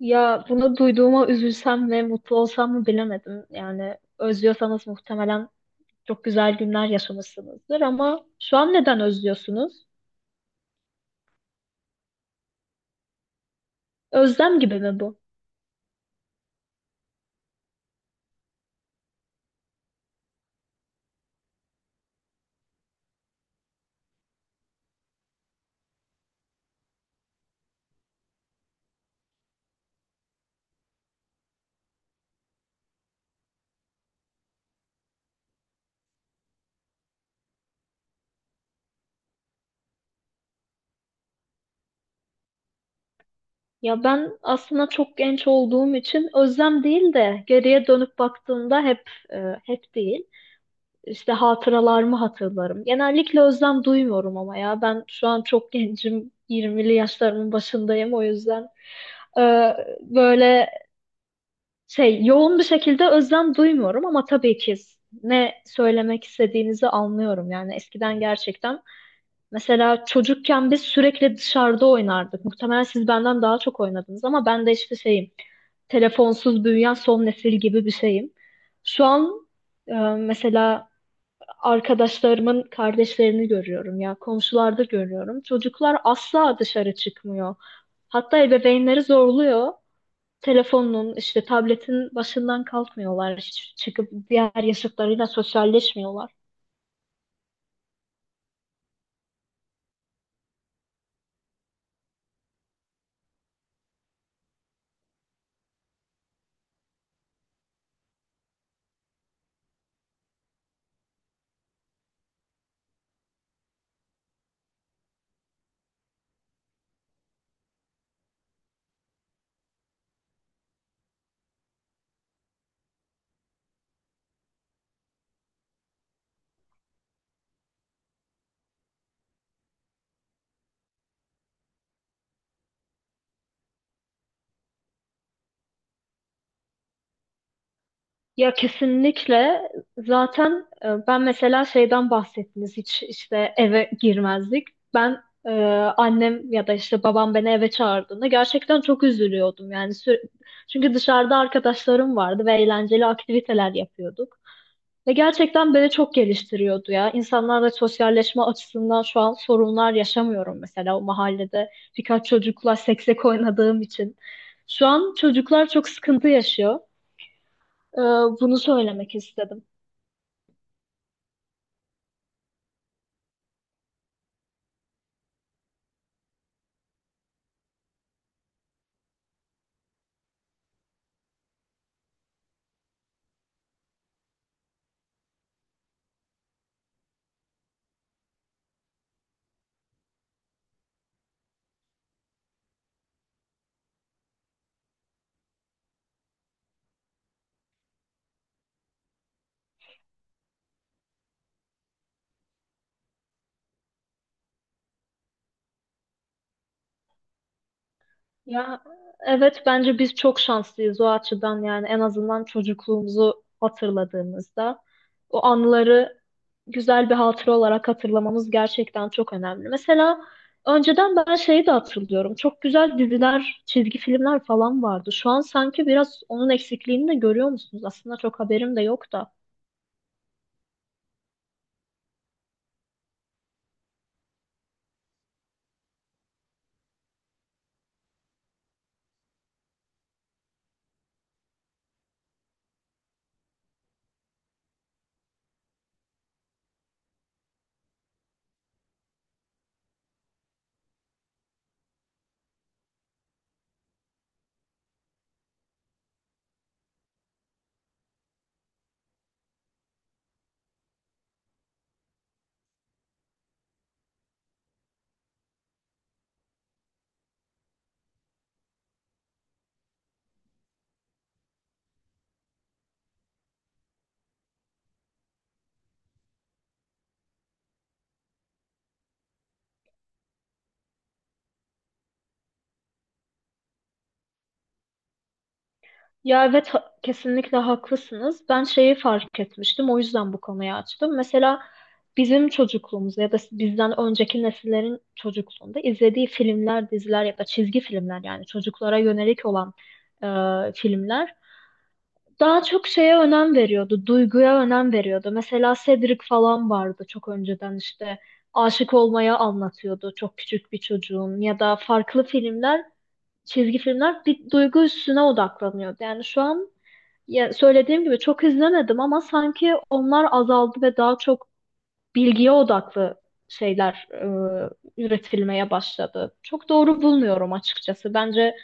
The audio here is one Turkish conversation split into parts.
Ya bunu duyduğuma üzülsem ve mutlu olsam mı bilemedim. Yani özlüyorsanız muhtemelen çok güzel günler yaşamışsınızdır ama şu an neden özlüyorsunuz? Özlem gibi mi bu? Ya ben aslında çok genç olduğum için özlem değil de geriye dönüp baktığımda hep hep değil. İşte hatıralarımı hatırlarım. Genellikle özlem duymuyorum ama ya ben şu an çok gencim. 20'li yaşlarımın başındayım o yüzden. e, böyle yoğun bir şekilde özlem duymuyorum ama tabii ki ne söylemek istediğinizi anlıyorum. Yani eskiden gerçekten mesela çocukken biz sürekli dışarıda oynardık. Muhtemelen siz benden daha çok oynadınız ama ben de işte telefonsuz büyüyen son nesil gibi bir şeyim. Şu an e, mesela arkadaşlarımın kardeşlerini görüyorum ya komşularda görüyorum. Çocuklar asla dışarı çıkmıyor. Hatta ebeveynleri zorluyor, telefonun işte tabletin başından kalkmıyorlar. Hiç çıkıp diğer yaşıtlarıyla sosyalleşmiyorlar. Ya kesinlikle, zaten ben mesela şeyden bahsettiniz, hiç işte eve girmezdik. Ben annem ya da işte babam beni eve çağırdığında gerçekten çok üzülüyordum, yani çünkü dışarıda arkadaşlarım vardı ve eğlenceli aktiviteler yapıyorduk. Ve gerçekten beni çok geliştiriyordu ya. İnsanlarla sosyalleşme açısından şu an sorunlar yaşamıyorum mesela o mahallede. Birkaç çocukla seksek oynadığım için. Şu an çocuklar çok sıkıntı yaşıyor. Ee, Bunu söylemek istedim. Ya evet, bence biz çok şanslıyız o açıdan, yani en azından çocukluğumuzu hatırladığımızda o anıları güzel bir hatıra olarak hatırlamamız gerçekten çok önemli. Mesela önceden ben şeyi de hatırlıyorum. Çok güzel diziler, çizgi filmler falan vardı. Şu an sanki biraz onun eksikliğini de görüyor musunuz? Aslında çok haberim de yok da. Ya evet, kesinlikle haklısınız. Ben şeyi fark etmiştim. O yüzden bu konuyu açtım. Mesela bizim çocukluğumuzda ya da bizden önceki nesillerin çocukluğunda izlediği filmler, diziler ya da çizgi filmler, yani çocuklara yönelik olan filmler daha çok şeye önem veriyordu. Duyguya önem veriyordu. Mesela Cedric falan vardı çok önceden, işte aşık olmaya anlatıyordu çok küçük bir çocuğun, ya da farklı filmler, çizgi filmler bir duygu üstüne odaklanıyordu. Yani şu an, ya söylediğim gibi çok izlemedim ama sanki onlar azaldı ve daha çok bilgiye odaklı şeyler üretilmeye başladı. Çok doğru bulmuyorum açıkçası. Bence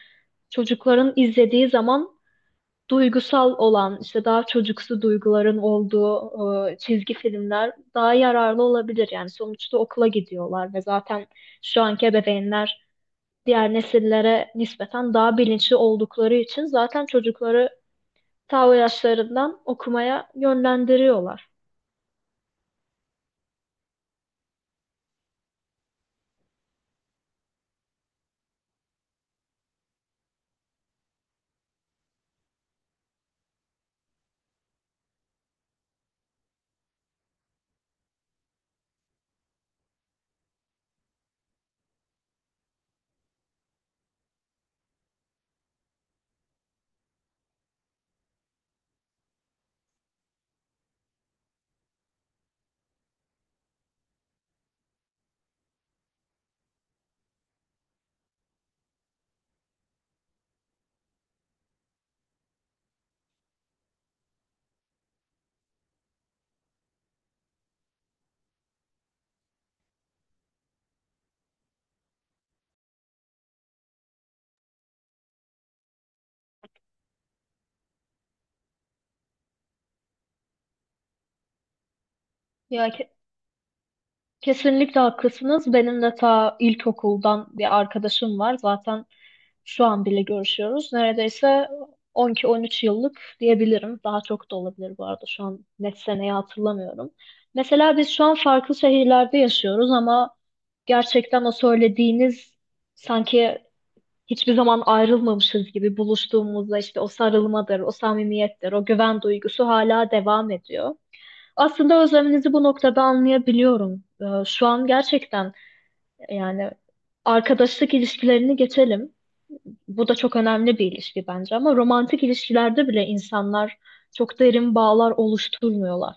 çocukların izlediği zaman duygusal olan, işte daha çocuksu duyguların olduğu çizgi filmler daha yararlı olabilir. Yani sonuçta okula gidiyorlar ve zaten şu anki ebeveynler diğer nesillere nispeten daha bilinçli oldukları için zaten çocukları ta o yaşlarından okumaya yönlendiriyorlar. Ya kesinlikle haklısınız. Benim de ta ilkokuldan bir arkadaşım var. Zaten şu an bile görüşüyoruz. Neredeyse 12-13 yıllık diyebilirim. Daha çok da olabilir bu arada. Şu an net seneyi hatırlamıyorum. Mesela biz şu an farklı şehirlerde yaşıyoruz ama gerçekten o söylediğiniz, sanki hiçbir zaman ayrılmamışız gibi, buluştuğumuzda işte o sarılmadır, o samimiyettir, o güven duygusu hala devam ediyor. Aslında özleminizi bu noktada anlayabiliyorum. Şu an gerçekten, yani arkadaşlık ilişkilerini geçelim. Bu da çok önemli bir ilişki bence, ama romantik ilişkilerde bile insanlar çok derin bağlar oluşturmuyorlar.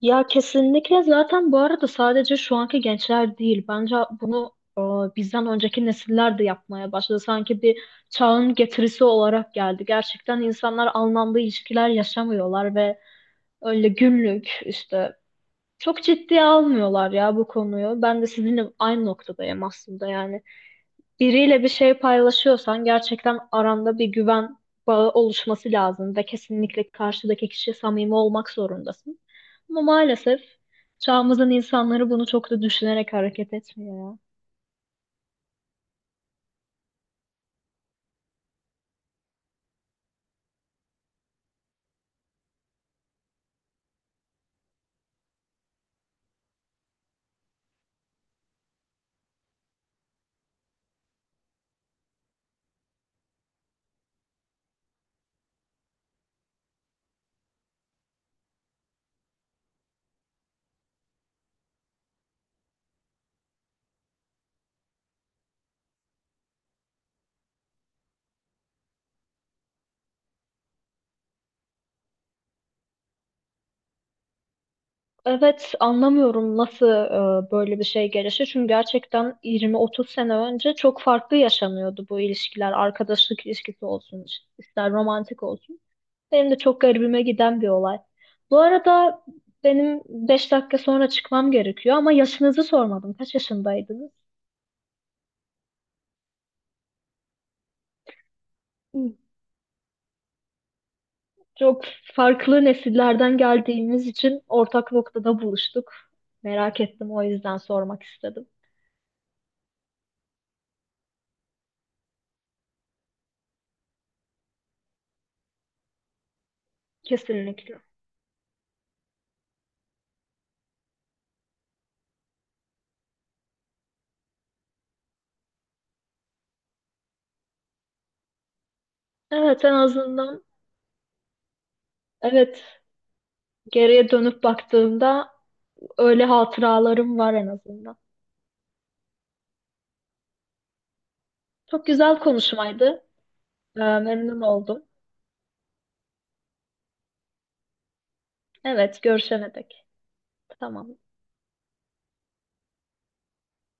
Ya kesinlikle, zaten bu arada sadece şu anki gençler değil. Bence bunu e, bizden önceki nesiller de yapmaya başladı. Sanki bir çağın getirisi olarak geldi. Gerçekten insanlar anlamlı ilişkiler yaşamıyorlar ve öyle günlük, işte çok ciddiye almıyorlar ya bu konuyu. Ben de sizinle aynı noktadayım aslında, yani biriyle bir şey paylaşıyorsan gerçekten aranda bir güven bağı oluşması lazım ve kesinlikle karşıdaki kişi samimi olmak zorundasın. Ama maalesef çağımızın insanları bunu çok da düşünerek hareket etmiyor ya. Evet, anlamıyorum nasıl böyle bir şey gelişti. Çünkü gerçekten 20-30 sene önce çok farklı yaşanıyordu bu ilişkiler. Arkadaşlık ilişkisi olsun, ister romantik olsun. Benim de çok garibime giden bir olay. Bu arada benim 5 dakika sonra çıkmam gerekiyor ama yaşınızı sormadım. Kaç yaşındaydınız? Hı. Çok farklı nesillerden geldiğimiz için ortak noktada buluştuk. Merak ettim, o yüzden sormak istedim. Kesinlikle. Evet, en azından, evet, geriye dönüp baktığımda öyle hatıralarım var en azından. Çok güzel konuşmaydı. Memnun oldum. Evet, görüşene dek. Tamam.